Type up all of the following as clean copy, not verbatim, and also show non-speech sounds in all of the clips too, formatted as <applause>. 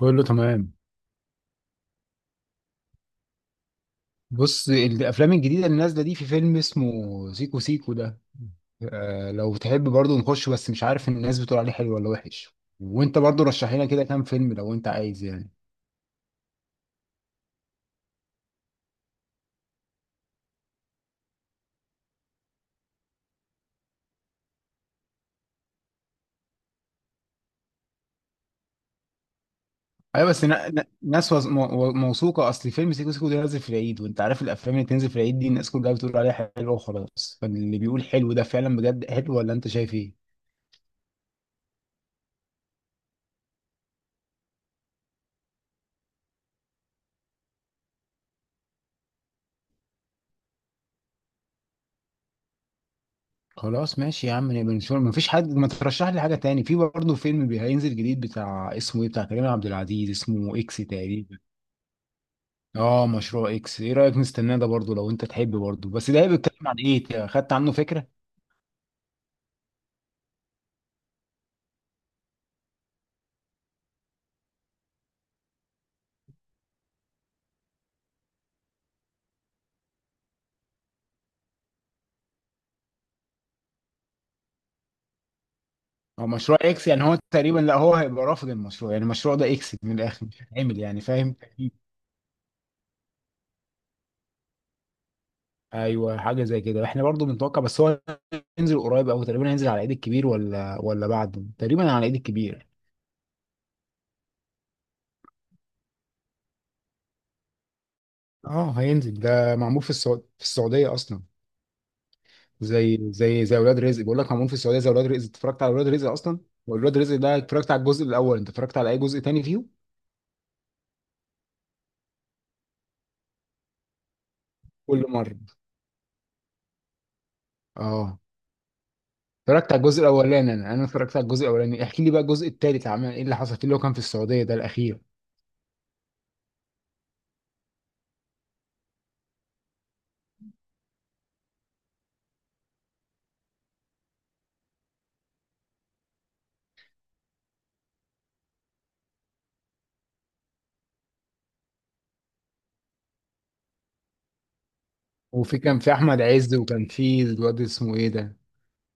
كله تمام. بص، الافلام الجديده اللي نازله دي في فيلم اسمه سيكو سيكو ده. آه لو تحب برضو نخش، بس مش عارف الناس بتقول عليه حلو ولا وحش، وانت برضو رشح لنا كده كام فيلم لو انت عايز يعني. ايوه بس ناس موثوقه. اصل فيلم سيكو سيكو ده نازل في العيد، وانت عارف الافلام اللي تنزل في العيد دي الناس كلها بتقول عليها حلوه وخلاص، فاللي بيقول حلو ده فعلا بجد حلو، ولا انت شايف ايه؟ خلاص ماشي يا عم، نبقى نشوف. مفيش حد ما ترشح لي حاجه تاني؟ في برضه فيلم هينزل جديد بتاع، اسمه ايه بتاع كريم عبد العزيز، اسمه اكس تقريبا. اه مشروع اكس، ايه رايك نستناه ده برضه لو انت تحب برضه؟ بس ده هيبقى بيتكلم عن ايه، خدت عنه فكره؟ هو مشروع اكس يعني هو تقريبا، لا هو هيبقى رافض المشروع، يعني المشروع ده اكس من الاخر مش هيتعمل يعني، فاهم؟ ايوه حاجه زي كده احنا برضه بنتوقع. بس هو هينزل قريب او تقريبا هينزل على العيد الكبير ولا بعده، تقريبا على العيد الكبير. اه هينزل. ده معمول في السعوديه، في السعوديه اصلا، زي زي اولاد رزق، بيقول لك معمول في السعوديه زي اولاد رزق. اتفرجت على اولاد رزق اصلا؟ واولاد رزق ده اتفرجت على الجزء الاول، انت اتفرجت على اي جزء تاني فيه؟ كل مره. اه اتفرجت على الجزء الاولاني، انا اتفرجت على الجزء الاولاني. احكي لي بقى الجزء التالت عمل ايه، اللي حصل فيه اللي هو كان في السعوديه ده الاخير. وفي كان في احمد عز، وكان في الواد اسمه ايه ده،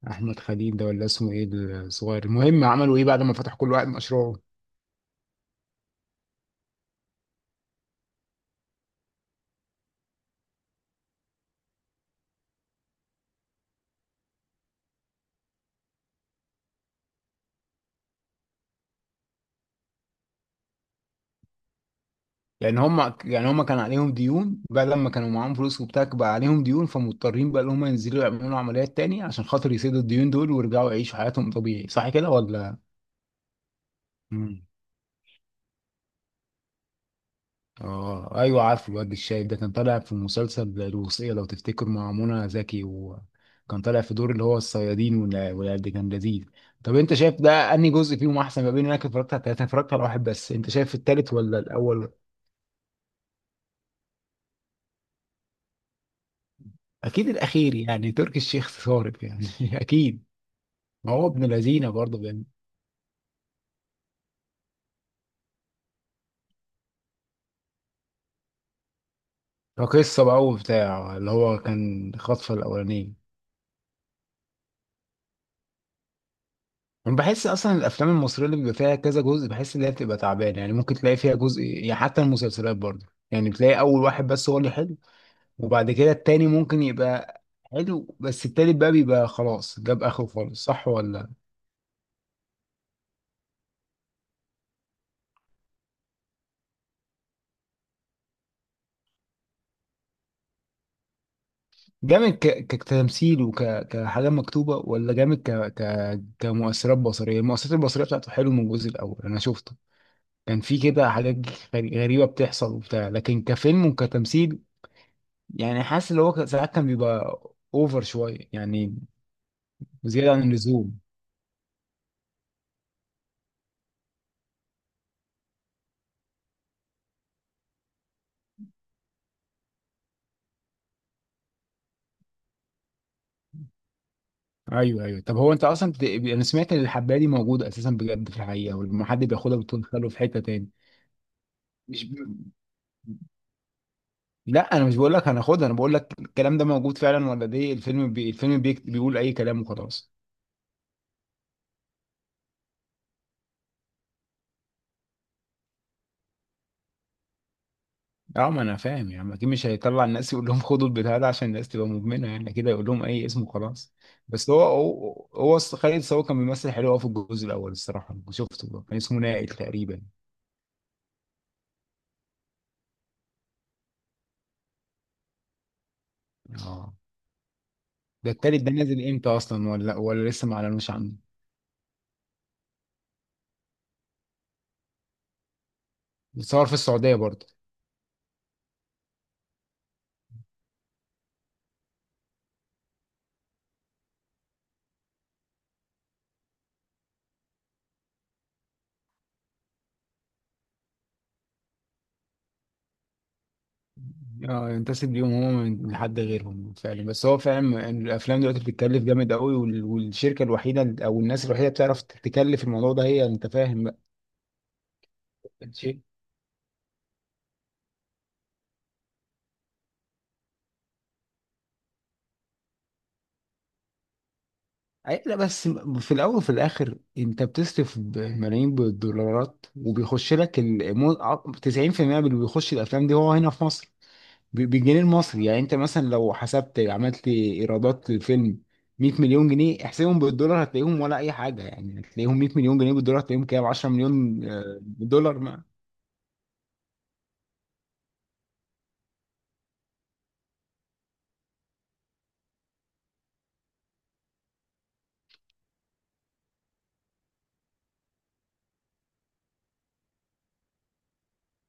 احمد خليل ده ولا اسمه ايه، الصغير. المهم عملوا ايه بعد ما فتحوا كل واحد مشروعه؟ لان هم يعني هم كان عليهم ديون بقى، لما كانوا معاهم فلوس وبتاع بقى عليهم ديون، فمضطرين بقى ان هم ينزلوا يعملوا عمليات تاني عشان خاطر يسدوا الديون دول ويرجعوا يعيشوا حياتهم طبيعي، صح كده ولا؟ مم. اه ايوه عارف. الواد الشايب ده كان طالع في مسلسل الوصية لو تفتكر مع منى زكي، وكان طالع في دور اللي هو الصيادين ولا، ده كان لذيذ. طب انت شايف ده انهي جزء فيهم احسن، ما بين انك اتفرجت على ثلاثة اتفرجت على واحد بس، انت شايف التالت ولا الاول؟ اكيد الاخير يعني، تركي الشيخ صارف يعني <laughs> اكيد. ما هو ابن لذينه برضه، بين. قصه بقى وبتاع، اللي هو كان خطفه الاولانيه. انا بحس اصلا الافلام المصريه اللي بيبقى فيها كذا جزء بحس ان هي بتبقى تعبانه، يعني ممكن تلاقي فيها جزء يعني. حتى المسلسلات برضه، يعني بتلاقي اول واحد بس هو اللي حلو، وبعد كده التاني ممكن يبقى حلو، بس التالت بقى بيبقى خلاص جاب اخره خالص، صح ولا؟ جامد كتمثيل وكحاجه مكتوبه، ولا جامد كمؤثرات بصريه؟ المؤثرات البصريه بتاعته حلو. من الجزء الاول انا شفته كان في كده حاجات غريبة بتحصل وبتاع، لكن كفيلم وكتمثيل يعني حاسس اللي هو ساعات كان بيبقى اوفر شوية يعني، زيادة عن اللزوم. ايوه ايوه. طب هو انت اصلا انا سمعت ان الحباية دي موجودة اساسا بجد في الحقيقة، ولما حد بياخدها بتقول خلوه في حتة تاني؟ مش ب... لا انا مش بقول لك هناخدها، انا بقول لك الكلام ده موجود فعلا ولا دي الفيلم بيقول اي كلام وخلاص؟ اه ما انا فاهم، يعني اكيد مش هيطلع الناس يقول لهم خدوا البتاع ده عشان الناس تبقى مدمنه، يعني كده يقول لهم اي اسم وخلاص. بس هو خالد صاوي كان بيمثل حلو أوي في الجزء الاول، الصراحه أنا شفته ده. كان اسمه نائل تقريبا. اه. ده التالت ده نازل امتى اصلا ولا لسه ما اعلنوش عنه؟ بيتصور في السعوديه برضه؟ اه ينتسب ليهم هما من لحد غيرهم فعلا، بس هو فعلا الافلام دلوقتي بتتكلف جامد قوي، والشركه الوحيده او الناس الوحيده بتعرف تكلف الموضوع ده هي، انت فاهم؟ بقى لا بس في الاول وفي الاخر انت بتصرف ملايين بالدولارات، وبيخش لك 90% من اللي بيخش الافلام دي هو هنا في مصر بالجنيه المصري. يعني انت مثلا لو حسبت عملت ايرادات للفيلم 100 مليون جنيه، احسبهم بالدولار هتلاقيهم ولا اي حاجه، يعني هتلاقيهم 100 مليون جنيه بالدولار هتلاقيهم كام، 10 مليون آه، دولار ما.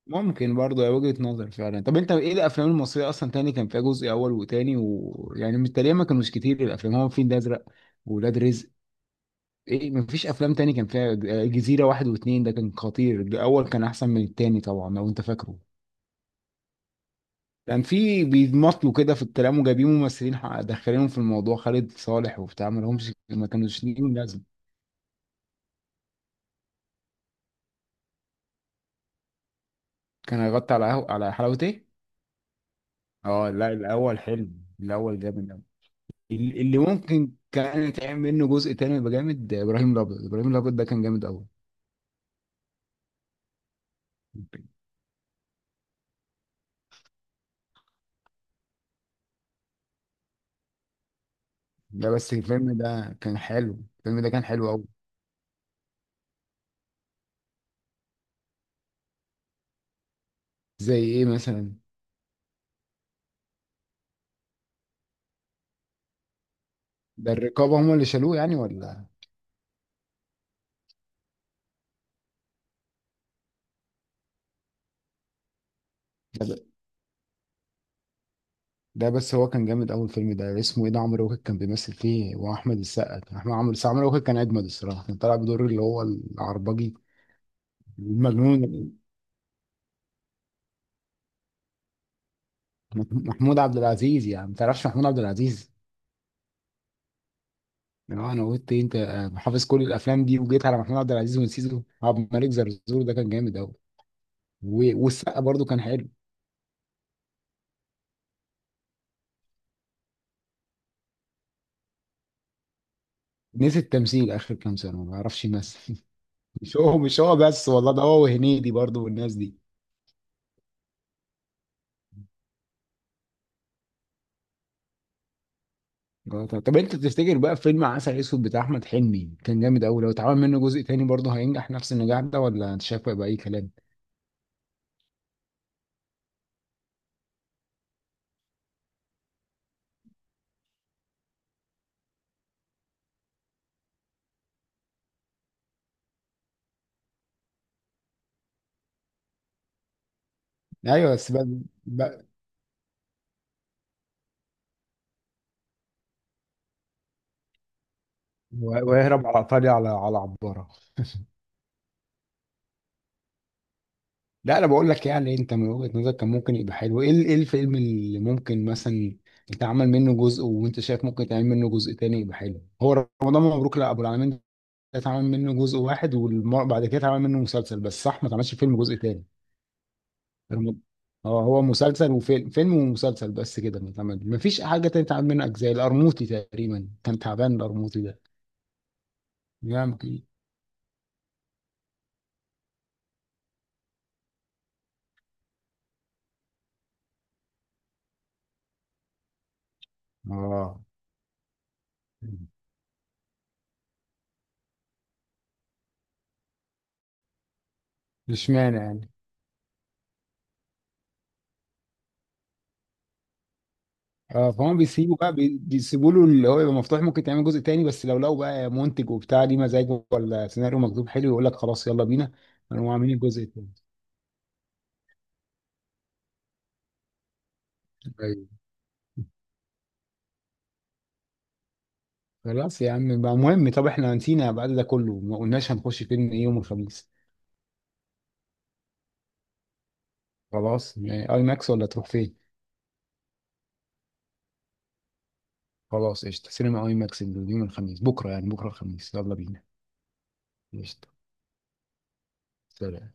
ممكن برضه هي وجهة نظر فعلا. طب انت ايه الافلام المصريه اصلا تاني كان فيها جزء اول وتاني؟ ويعني تقريبا ما كانوش كتير الافلام. هو فين ده ازرق، ولاد رزق، ايه مفيش افلام تاني كان فيها؟ جزيرة واحد واتنين ده كان خطير، الاول كان احسن من التاني طبعا لو انت فاكره. كان في بيمطلوا كده في الكلام وجايبين ممثلين داخلينهم في الموضوع، خالد صالح وبتاع ما لهمش، ما كانوش ليهم لازم. كان هيغطي على على حلاوة ايه؟ اه لا الاول حلو، الاول جامد أوي. اللي ممكن كان يتعمل منه جزء تاني يبقى جامد، ابراهيم الابيض. ابراهيم الابيض ده كان جامد قوي. لا بس الفيلم ده كان حلو، الفيلم ده كان حلو قوي. زي ايه مثلا؟ ده الرقابة هم اللي شالوه يعني ولا؟ ده, ب... ده بس هو كان جامد. اول فيلم ده اسمه ايه ده، عمرو واكد كان بيمثل فيه واحمد السقا، كان احمد، عمرو السقا. عمرو واكد كان اجمد الصراحه، كان طالع بدور اللي هو العربجي المجنون. محمود عبد العزيز، يعني ما تعرفش محمود عبد العزيز؟ اللي هو انا قلت إيه، انت حافظ كل الافلام دي وجيت على محمود عبد العزيز ونسيته. عبد الملك زرزور ده كان جامد قوي، والسقا برضو كان حلو. نسي التمثيل، اخر كام سنه ما بيعرفش يمثل <laughs> مش هو بس والله، ده هو وهنيدي برضو والناس دي. آه، طب طب انت تفتكر بقى فيلم عسل اسود بتاع احمد حلمي كان جامد قوي، لو اتعمل منه جزء تاني برضه هينجح نفس النجاح ده ولا انت شايف بقى اي كلام؟ ايوه بس بقى ويهرب على ايطاليا على على عباره. لا انا بقول لك يعني انت من وجهة نظرك كان ممكن يبقى حلو، ايه ايه الفيلم اللي ممكن مثلا يتعمل منه جزء وانت شايف ممكن يتعمل منه جزء تاني يبقى حلو؟ هو رمضان مبروك، لا ابو العالمين ده اتعمل منه جزء واحد وبعد كده اتعمل منه مسلسل بس، صح؟ ما اتعملش فيلم جزء تاني. الم- اه هو مسلسل وفيلم، فيلم ومسلسل بس كده. متعمل مفيش حاجة تانية اتعمل منها أجزاء. القرموطي تقريبا كان تعبان، القرموطي ده يمكن. اه. مش مانع يعني. اه فهم، بيسيبوا بقى بيسيبوا له اللي هو يبقى مفتوح ممكن تعمل جزء تاني، بس لو لقوا بقى منتج وبتاع ليه مزاجه ولا سيناريو مكتوب حلو يقول لك خلاص يلا بينا، قاموا عاملين الجزء التاني. ايوه. خلاص يا عم بقى. مهم، طب احنا نسينا بعد ده كله ما قلناش هنخش فيلم ايه يوم الخميس. خلاص، يعني اي ماكس ولا تروح فين؟ خلاص قشطة، سينما اي ماكس. اليوم الخميس، بكرة يعني، بكرة الخميس يلا بينا. قشطة. سلام.